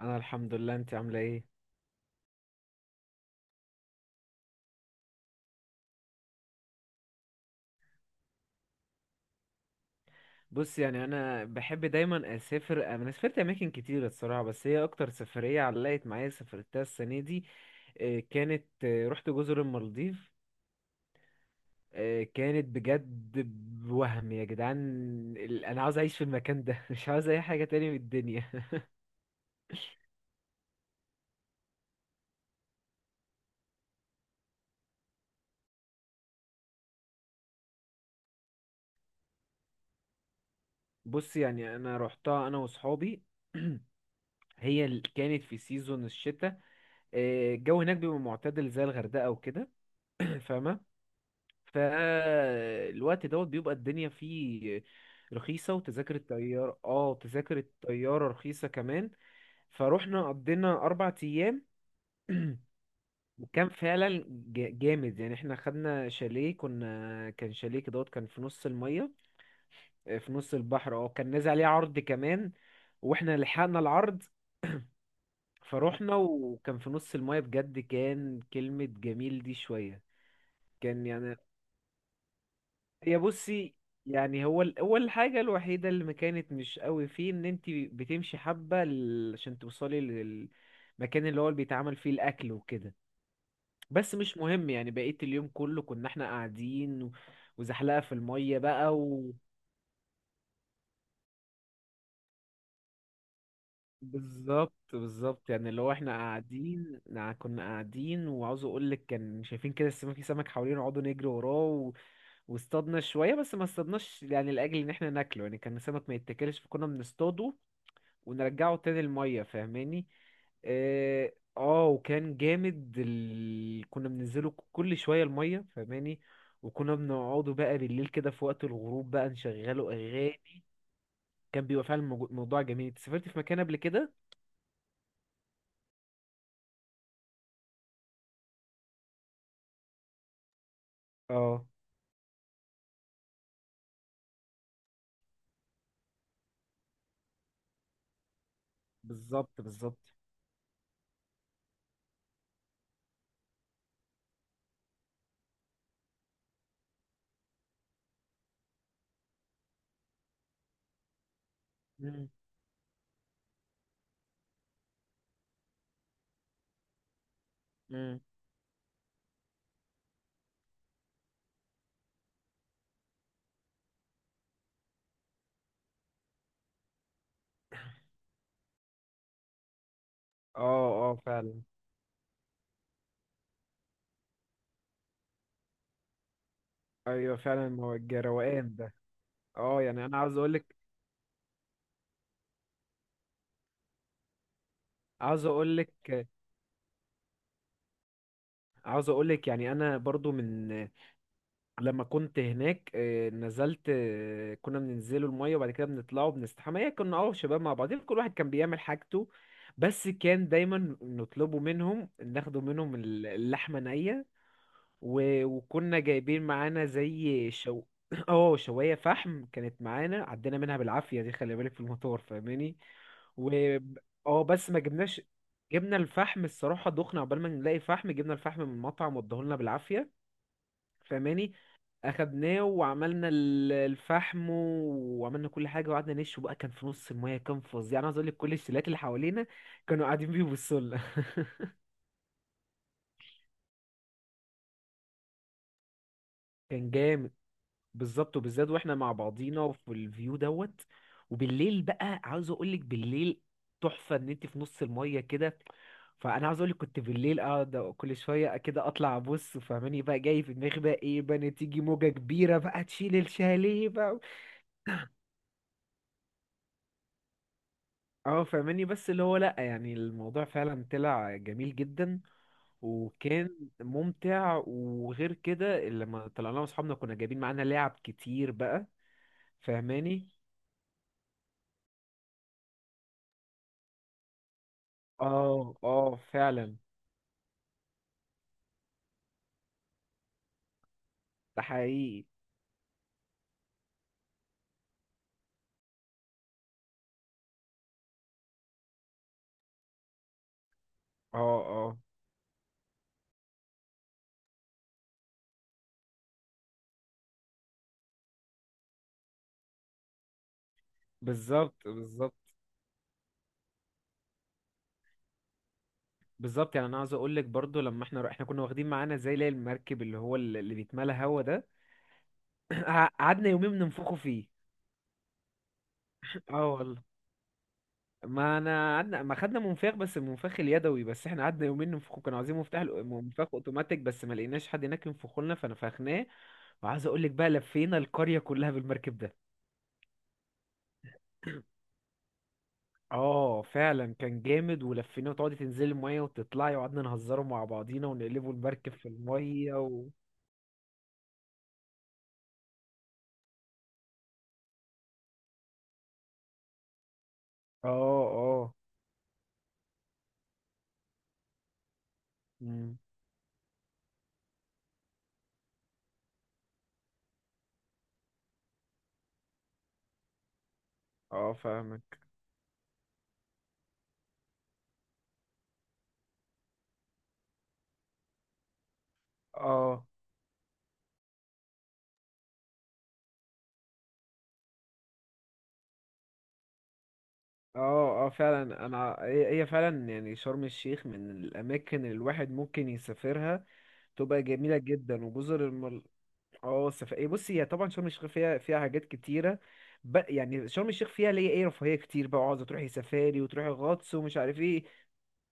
انا الحمد لله. انت عامله ايه؟ بص، يعني انا بحب دايما اسافر، انا سافرت اماكن كتير الصراحه، بس هي اكتر سفريه علقت معايا سافرتها السنه دي. كانت رحت جزر المالديف. كانت بجد. وهم يا جدعان. انا عاوز اعيش في المكان ده. مش عاوز اي حاجه تاني من الدنيا. بص، يعني انا رحتها انا وصحابي. هي كانت في سيزون الشتاء. الجو هناك بيبقى معتدل زي الغردقه وكده. فاهمه؟ فالوقت دوت بيبقى الدنيا فيه رخيصة، وتذاكر الطيارة تذاكر الطيارة رخيصة كمان. فروحنا قضينا 4 أيام، وكان فعلا جامد. يعني احنا خدنا شاليه، كنا كان شاليه كدهوت، كان في نص المية. في نص البحر. اه كان نازل عليه عرض كمان، واحنا لحقنا العرض. فروحنا، وكان في نص المية بجد. كان كلمة جميل دي شوية. كان يعني، هي بصي، يعني هو هو الحاجة الوحيدة اللي ما كانت مش قوي فيه، ان انت بتمشي حبة عشان توصلي للمكان اللي هو اللي بيتعمل فيه الاكل وكده. بس مش مهم، يعني بقيت اليوم كله كنا احنا قاعدين و- وزحلقة في المية بقى و... بالظبط بالظبط، يعني اللي هو احنا قاعدين كنا قاعدين، وعاوز اقول لك كان شايفين كده السمك، في سمك حوالينا، وقعدوا نجري وراه و... واصطادنا شوية، بس ما اصطادناش، يعني لأجل ان احنا ناكله، يعني كان السمك ما يتاكلش، فكنا بنصطاده ونرجعه تاني المية. فاهماني؟ اه. وكان جامد. كنا بننزله كل شوية المية، فاهماني؟ وكنا بنقعده بقى بالليل كده في وقت الغروب بقى، نشغله أغاني. كان بيبقى فعلا موضوع جميل. انت سافرت في مكان قبل كده؟ اه، بالظبط بالظبط. مم، مم. اه اه فعلا. ايوه فعلا، ما هو الجروقان ده. اه يعني انا عاوز اقولك عاوز اقولك، يعني انا برضو من لما كنت هناك نزلت كنا بننزلوا المية، وبعد كده بنطلعوا بنستحمى. هي كنا شباب مع بعضين، كل واحد كان بيعمل حاجته. بس كان دايما نطلبوا منهم، ناخدوا منهم اللحمة نية، و- وكنا جايبين معانا زي شو اه شواية فحم كانت معانا، عدينا منها بالعافية دي، خلي بالك، في المطار. فاهماني؟ و اه بس ما جبناش. جبنا الفحم الصراحة، دخنا عقبال ما نلاقي فحم، جبنا الفحم من المطعم واداهولنا بالعافية. فاهماني؟ اخدناه وعملنا الفحم، وعملنا كل حاجه وقعدنا نشوي بقى. كان في نص المايه، كان فظيع. يعني عايز اقول لك، كل الشلات اللي حوالينا كانوا قاعدين بيبصوا لنا. كان جامد، بالظبط. وبالذات واحنا مع بعضينا، وفي الفيو دوت. وبالليل بقى عاوز اقول لك، بالليل تحفه ان انت في نص المايه كده. فانا عاوز اقول لك كنت بالليل اقعد كل شويه كده اطلع ابص، فاهماني، بقى جاي في دماغي بقى ايه بقى، إن تيجي موجه كبيره بقى تشيل الشاليه. اه فاهماني، بس اللي هو لأ، يعني الموضوع فعلا طلع جميل جدا، وكان ممتع. وغير كده لما طلعنا مع اصحابنا كنا جايبين معانا لعب كتير بقى، فاهماني؟ اه اه فعلا. ده حقيقي. اه اه، بالظبط بالظبط بالظبط. يعني انا عاوز اقول لك برضو، لما احنا كنا واخدين معانا زي اللي هي المركب، اللي هو اللي بيتملى هوا ده. قعدنا يومين بننفخه فيه. اه والله، ما انا قعدنا ما خدنا منفاخ، بس المنفاخ اليدوي. بس احنا قعدنا يومين ننفخه، كانوا عايزين مفتاح منفاخ اوتوماتيك، بس ما لقيناش حد هناك ينفخه لنا فنفخناه. وعايز اقول لك بقى، لفينا القرية كلها بالمركب ده. اه فعلا كان جامد، ولفيناه، وتقعدي تنزلي المية وتطلعي، وقعدنا نهزره مع بعضينا ونقلبوا المركب في المية و... اه اه. مم. اه فاهمك. اه اه. اه فعلا، انا هي فعلا، يعني شرم الشيخ من الاماكن اللي الواحد ممكن يسافرها تبقى جميلة جدا، وجزر المل. اه إيه، بصي، هي طبعا شرم الشيخ فيها حاجات كتيرة. يعني شرم الشيخ فيها اللي هي ايه، رفاهية كتير بقى، عاوزة تروحي سفاري وتروحي غطس ومش عارف ايه.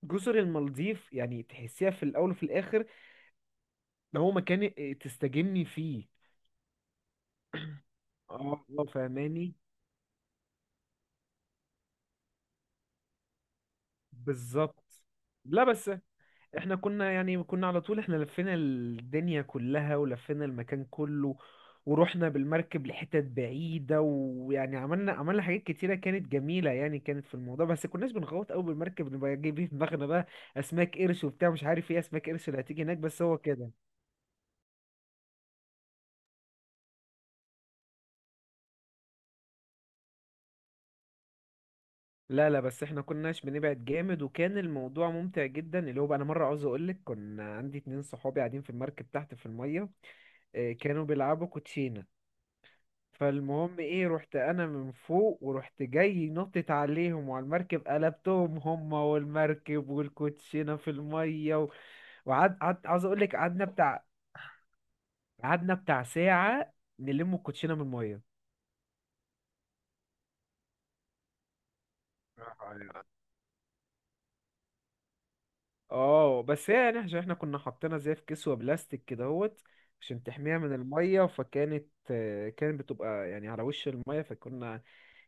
جزر المالديف يعني تحسيها في الأول وفي الآخر، ده هو مكان تستجمي فيه. اه فاهماني. بالظبط. لا بس احنا كنا على طول، احنا لفينا الدنيا كلها ولفينا المكان كله، ورحنا بالمركب لحتت بعيدة. ويعني عملنا حاجات كتيرة كانت جميلة، يعني كانت في الموضوع. بس كناش بنغوط قوي بالمركب نبقى جايبين في دماغنا بقى أسماك قرش وبتاع مش عارف ايه، أسماك قرش اللي هتيجي هناك، بس هو كده. لا لا، بس احنا كناش بنبعد جامد، وكان الموضوع ممتع جدا. اللي هو بقى أنا مرة عاوز أقولك، كنا عندي 2 صحابي قاعدين في المركب تحت في المية. كانوا بيلعبوا كوتشينة. فالمهم ايه، رحت انا من فوق، ورحت جاي نطت عليهم وعلى المركب، قلبتهم هما والمركب والكوتشينه في الميه و... عاوز اقول لك قعدنا بتاع ساعه، نلم الكوتشينه من الميه. اه بس هي يعني عشان احنا كنا حاطينها زي في كسوة بلاستيك كدهوت، عشان تحميها من المية، فكانت كانت بتبقى يعني على وش المية، فكنا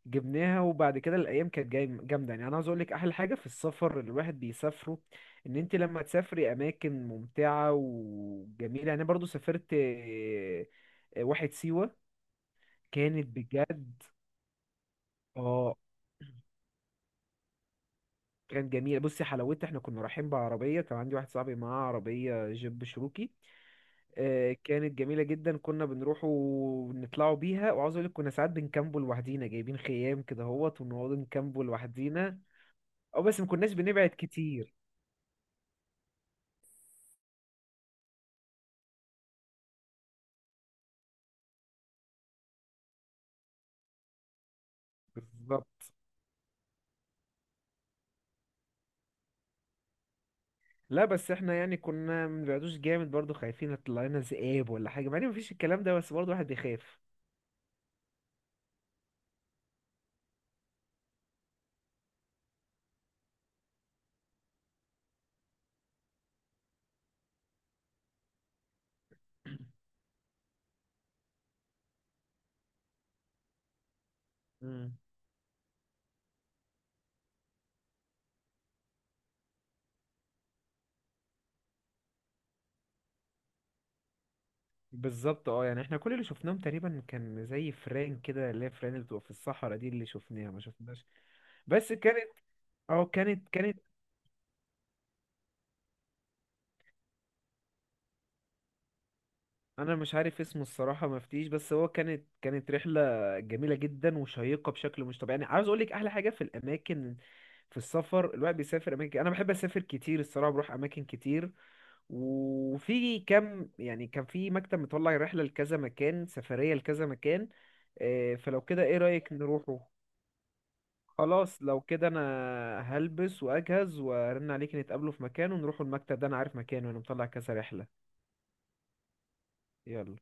جبناها. وبعد كده الايام كانت جاي جامده. يعني انا عاوز اقول لك، احلى حاجه في السفر اللي الواحد بيسافره، ان انت لما تسافري اماكن ممتعه وجميله. يعني انا برضو سافرت واحد سيوه، كانت بجد. اه كانت جميله. بصي حلاوتها، احنا كنا رايحين بعربيه، كان عندي واحد صاحبي معاه عربيه جيب شروكي. كانت جميلة جدا، كنا بنروح ونطلعوا بيها. وعاوز اقول لك كنا ساعات بنكامبو لوحدينا، جايبين خيام كده اهوت، ونقعد نكامبو لوحدينا. او بس ما كناش بنبعد كتير. بالظبط. لا بس احنا يعني كنا ما بنبعدوش جامد، برضو خايفين يطلع لنا ذئاب ولا حاجة، مع ان مفيش الكلام ده، بس برضو الواحد بيخاف. مم. بالظبط. اه يعني احنا كل اللي شفناهم تقريبا كان زي فران كده، اللي هي فران اللي بتبقى في الصحراء دي، اللي شفناها ما شفناش. بس كانت، اه كانت. انا مش عارف اسمه الصراحه مفتيش، بس هو كانت، رحله جميله جدا وشيقه بشكل مش طبيعي. يعني عاوز اقول لك احلى حاجه في الاماكن، في السفر الواحد بيسافر اماكن، انا بحب اسافر كتير الصراحه، بروح اماكن كتير. وفي كم، يعني كان في مكتب مطلع رحله لكذا مكان، سفريه لكذا مكان. فلو كده ايه رايك نروحه؟ خلاص لو كده، انا هلبس واجهز وارن عليك، نتقابله في مكان ونروحوا المكتب ده، انا عارف مكانه، انا مطلع كذا رحله. يلا.